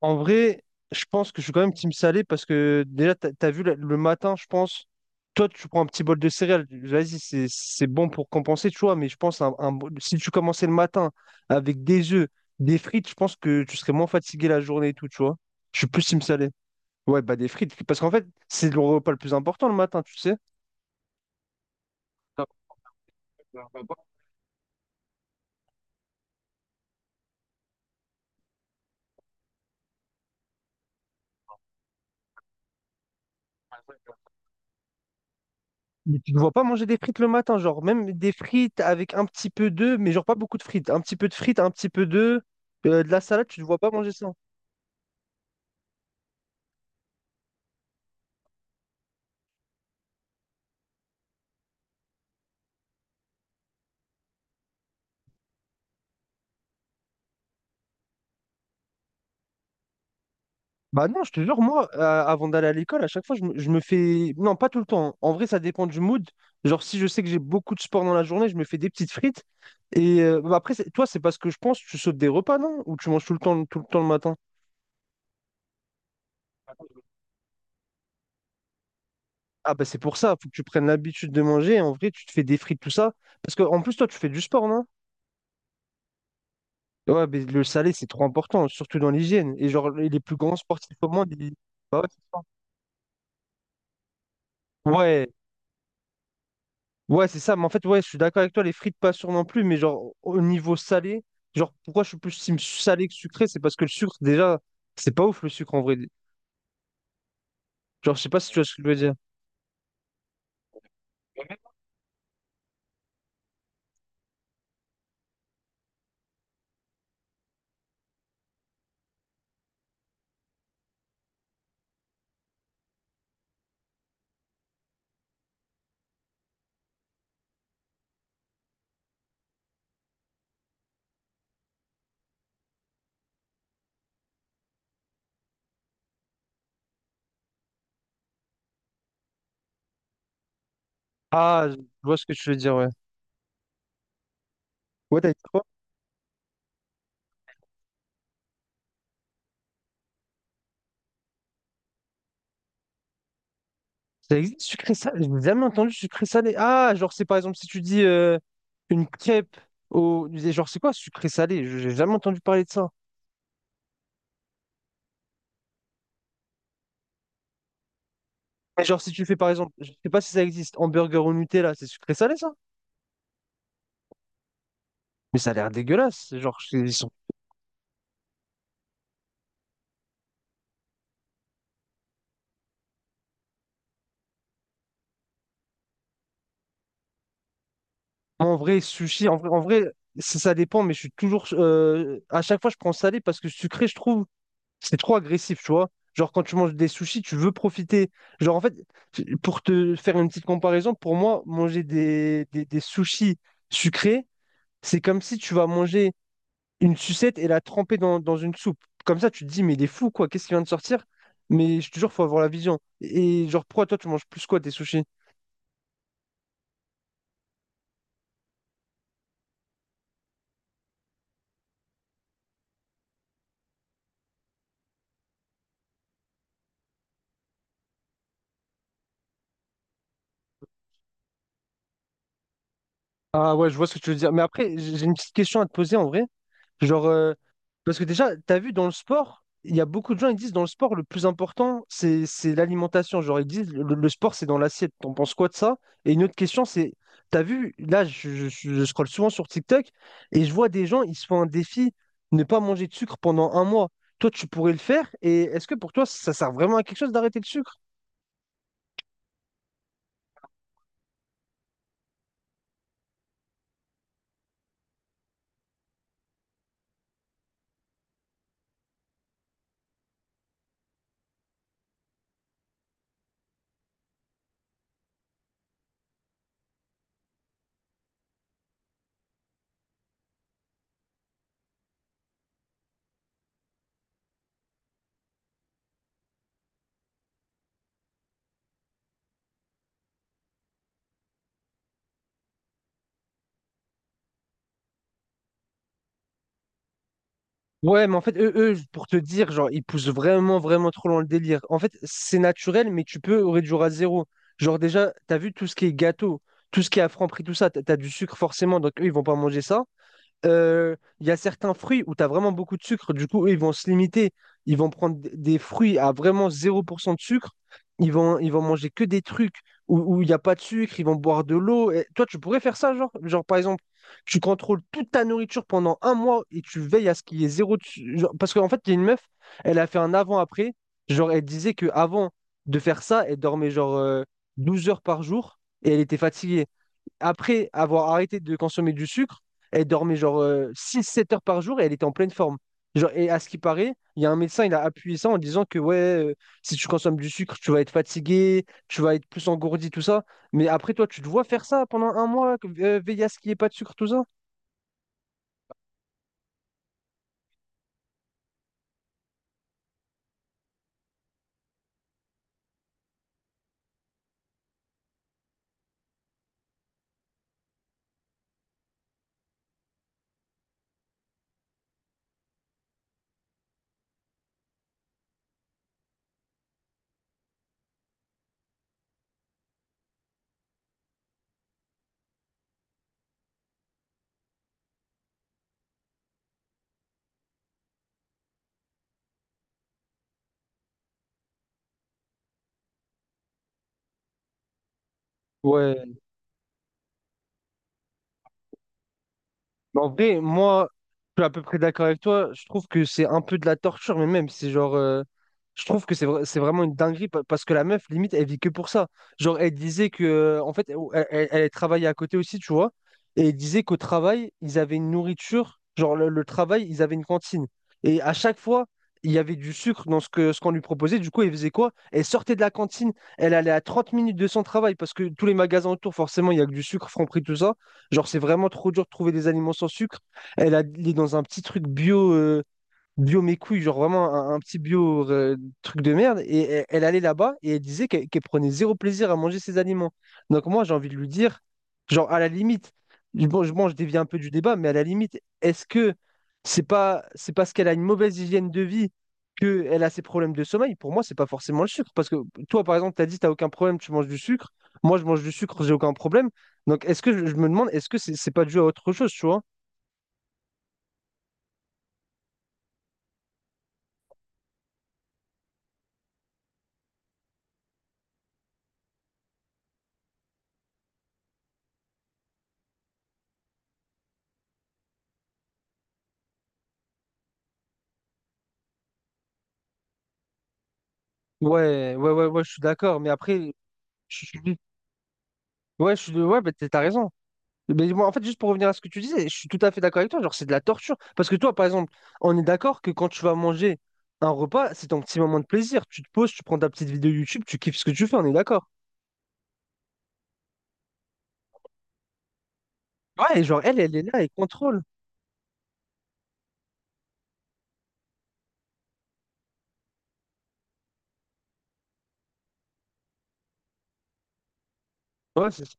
En vrai, je pense que je suis quand même team salé parce que déjà, t'as vu le matin, je pense, toi, tu prends un petit bol de céréales. Vas-y, c'est bon pour compenser, tu vois, mais je pense si tu commençais le matin avec des œufs, des frites, je pense que tu serais moins fatigué la journée et tout, tu vois. Je suis plus team salé. Ouais, bah des frites, parce qu'en fait, c'est le repas le plus important le matin, tu sais. Mais tu ne vois pas manger des frites le matin, genre même des frites avec un petit peu d'œufs, mais genre pas beaucoup de frites. Un petit peu de frites, un petit peu d'œufs, de la salade, tu ne vois pas manger ça. Bah non, je te jure, moi, avant d'aller à l'école, à chaque fois, je me fais. Non, pas tout le temps. En vrai, ça dépend du mood. Genre, si je sais que j'ai beaucoup de sport dans la journée, je me fais des petites frites. Et bah après, toi, c'est parce que je pense, tu sautes des repas, non? Ou tu manges tout le temps le matin? Ah bah c'est pour ça, faut que tu prennes l'habitude de manger. En vrai, tu te fais des frites, tout ça. Parce que en plus, toi, tu fais du sport, non? Ouais, mais le salé, c'est trop important, surtout dans l'hygiène. Et genre, les plus grands sportifs au monde, ils. Bah ouais, c'est ça. Ouais, ouais, c'est ça, mais en fait, ouais, je suis d'accord avec toi, les frites pas sûres non plus, mais genre au niveau salé, genre pourquoi je suis plus team salé que sucré, c'est parce que le sucre, déjà, c'est pas ouf le sucre en vrai. Genre, je sais pas si tu vois ce que je veux dire. Ah, je vois ce que tu veux dire, ouais. Ouais, t'as dit quoi? Ça existe sucré salé, j'ai jamais entendu sucré salé. Ah, genre, c'est par exemple si tu dis une crêpe au. Genre, c'est quoi sucré salé? J'ai jamais entendu parler de ça. Mais genre, si tu fais par exemple, je sais pas si ça existe, hamburger au Nutella, c'est sucré salé ça? Mais ça a l'air dégueulasse, genre, ils En vrai, sushi, en vrai, ça, ça dépend, mais je suis toujours. À chaque fois, je prends salé parce que sucré, je trouve, c'est trop agressif, tu vois. Genre, quand tu manges des sushis, tu veux profiter. Genre, en fait, pour te faire une petite comparaison, pour moi, manger des sushis sucrés, c'est comme si tu vas manger une sucette et la tremper dans une soupe. Comme ça, tu te dis, mais il est fou, quoi, qu'est-ce qui vient de sortir? Mais je te jure, faut avoir la vision. Et genre, pourquoi toi, tu manges plus quoi, des sushis? Ah ouais, je vois ce que tu veux dire. Mais après, j'ai une petite question à te poser en vrai. Genre, parce que déjà, t'as vu dans le sport, il y a beaucoup de gens qui disent dans le sport, le plus important, c'est l'alimentation. Genre, ils disent le sport, c'est dans l'assiette. T'en penses quoi de ça? Et une autre question, c'est, t'as vu, là, je scrolle souvent sur TikTok et je vois des gens, ils se font un défi, ne pas manger de sucre pendant un mois. Toi, tu pourrais le faire. Et est-ce que pour toi, ça sert vraiment à quelque chose d'arrêter le sucre? Ouais, mais en fait, eux, pour te dire, genre, ils poussent vraiment trop loin le délire. En fait, c'est naturel, mais tu peux réduire à zéro. Genre, déjà, t'as vu tout ce qui est gâteau, tout ce qui est à Franprix, tout ça, t'as du sucre forcément, donc eux, ils vont pas manger ça. Il y a certains fruits où tu as vraiment beaucoup de sucre, du coup, eux, ils vont se limiter. Ils vont prendre des fruits à vraiment zéro pour cent de sucre. Ils vont manger que des trucs où il n'y a pas de sucre. Ils vont boire de l'eau. Et toi, tu pourrais faire ça, genre, par exemple, tu contrôles toute ta nourriture pendant un mois et tu veilles à ce qu'il y ait zéro. Parce qu'en fait, il y a une meuf, elle a fait un avant-après. Genre, elle disait que avant de faire ça, elle dormait genre 12 heures par jour et elle était fatiguée après avoir arrêté de consommer du sucre, elle dormait genre six sept heures par jour et elle était en pleine forme. Genre, et à ce qui paraît, il y a un médecin, il a appuyé ça en disant que ouais, si tu consommes du sucre, tu vas être fatigué, tu vas être plus engourdi, tout ça. Mais après, toi, tu te vois faire ça pendant un mois, veiller à ce qu'il n'y ait pas de sucre, tout ça? Ouais, mais en vrai, moi, je suis à peu près d'accord avec toi. Je trouve que c'est un peu de la torture, mais même, c'est genre. Je trouve que c'est vraiment une dinguerie parce que la meuf, limite, elle vit que pour ça. Genre, elle disait que. En fait, elle travaillait à côté aussi, tu vois. Et elle disait qu'au travail, ils avaient une nourriture. Genre, le travail, ils avaient une cantine. Et à chaque fois, il y avait du sucre dans ce qu'on lui proposait. Du coup, elle faisait quoi? Elle sortait de la cantine. Elle allait à 30 minutes de son travail parce que tous les magasins autour, forcément, il y a que du sucre, Franprix, tout ça. Genre, c'est vraiment trop dur de trouver des aliments sans sucre. Il est dans un petit truc bio, bio mes couilles, genre vraiment un petit bio truc de merde. Et elle, elle allait là-bas et elle disait qu'elle prenait zéro plaisir à manger ses aliments. Donc moi, j'ai envie de lui dire, genre à la limite, bon, je dévie un peu du débat, mais à la limite, est-ce que c'est pas, c'est parce qu'elle a une mauvaise hygiène de vie qu'elle a ses problèmes de sommeil? Pour moi, c'est pas forcément le sucre. Parce que toi, par exemple, tu as dit, t'as aucun problème, tu manges du sucre. Moi, je mange du sucre, j'ai aucun problème. Donc, est-ce que je me demande, est-ce que c'est pas dû à autre chose, tu vois? Ouais, ouais, ouais, ouais, je suis d'accord. Mais après, je suis... ouais, ouais, bah, t'as raison. Mais moi, en fait, juste pour revenir à ce que tu disais, je suis tout à fait d'accord avec toi. Genre, c'est de la torture. Parce que toi, par exemple, on est d'accord que quand tu vas manger un repas, c'est ton petit moment de plaisir. Tu te poses, tu prends ta petite vidéo YouTube, tu kiffes ce que tu fais, on est d'accord. Ouais, et genre, elle, elle est là, elle contrôle. Ouais, c'est ça.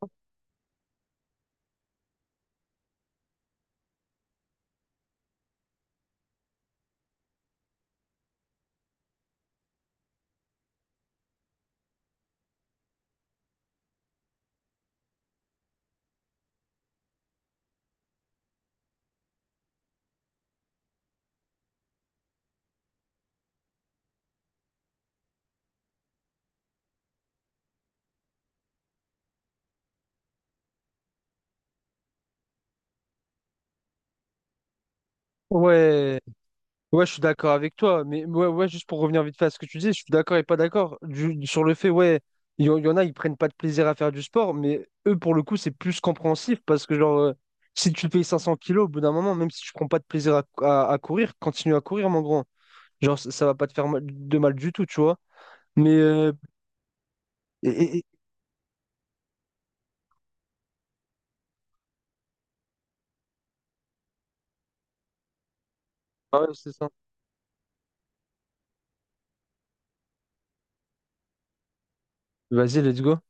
Ouais, ouais, je suis d'accord avec toi, mais ouais, ouais, juste pour revenir vite fait à ce que tu dis, je suis d'accord et pas d'accord sur le fait, ouais, il y en a, ils prennent pas de plaisir à faire du sport, mais eux, pour le coup, c'est plus compréhensif parce que, genre, si tu payes 500 kilos, au bout d'un moment, même si tu prends pas de plaisir à courir, continue à courir, mon grand. Genre, ça va pas te faire de mal du tout, tu vois. Mais, et- et- et- Ah ouais, c'est ça. Vas-y, let's go.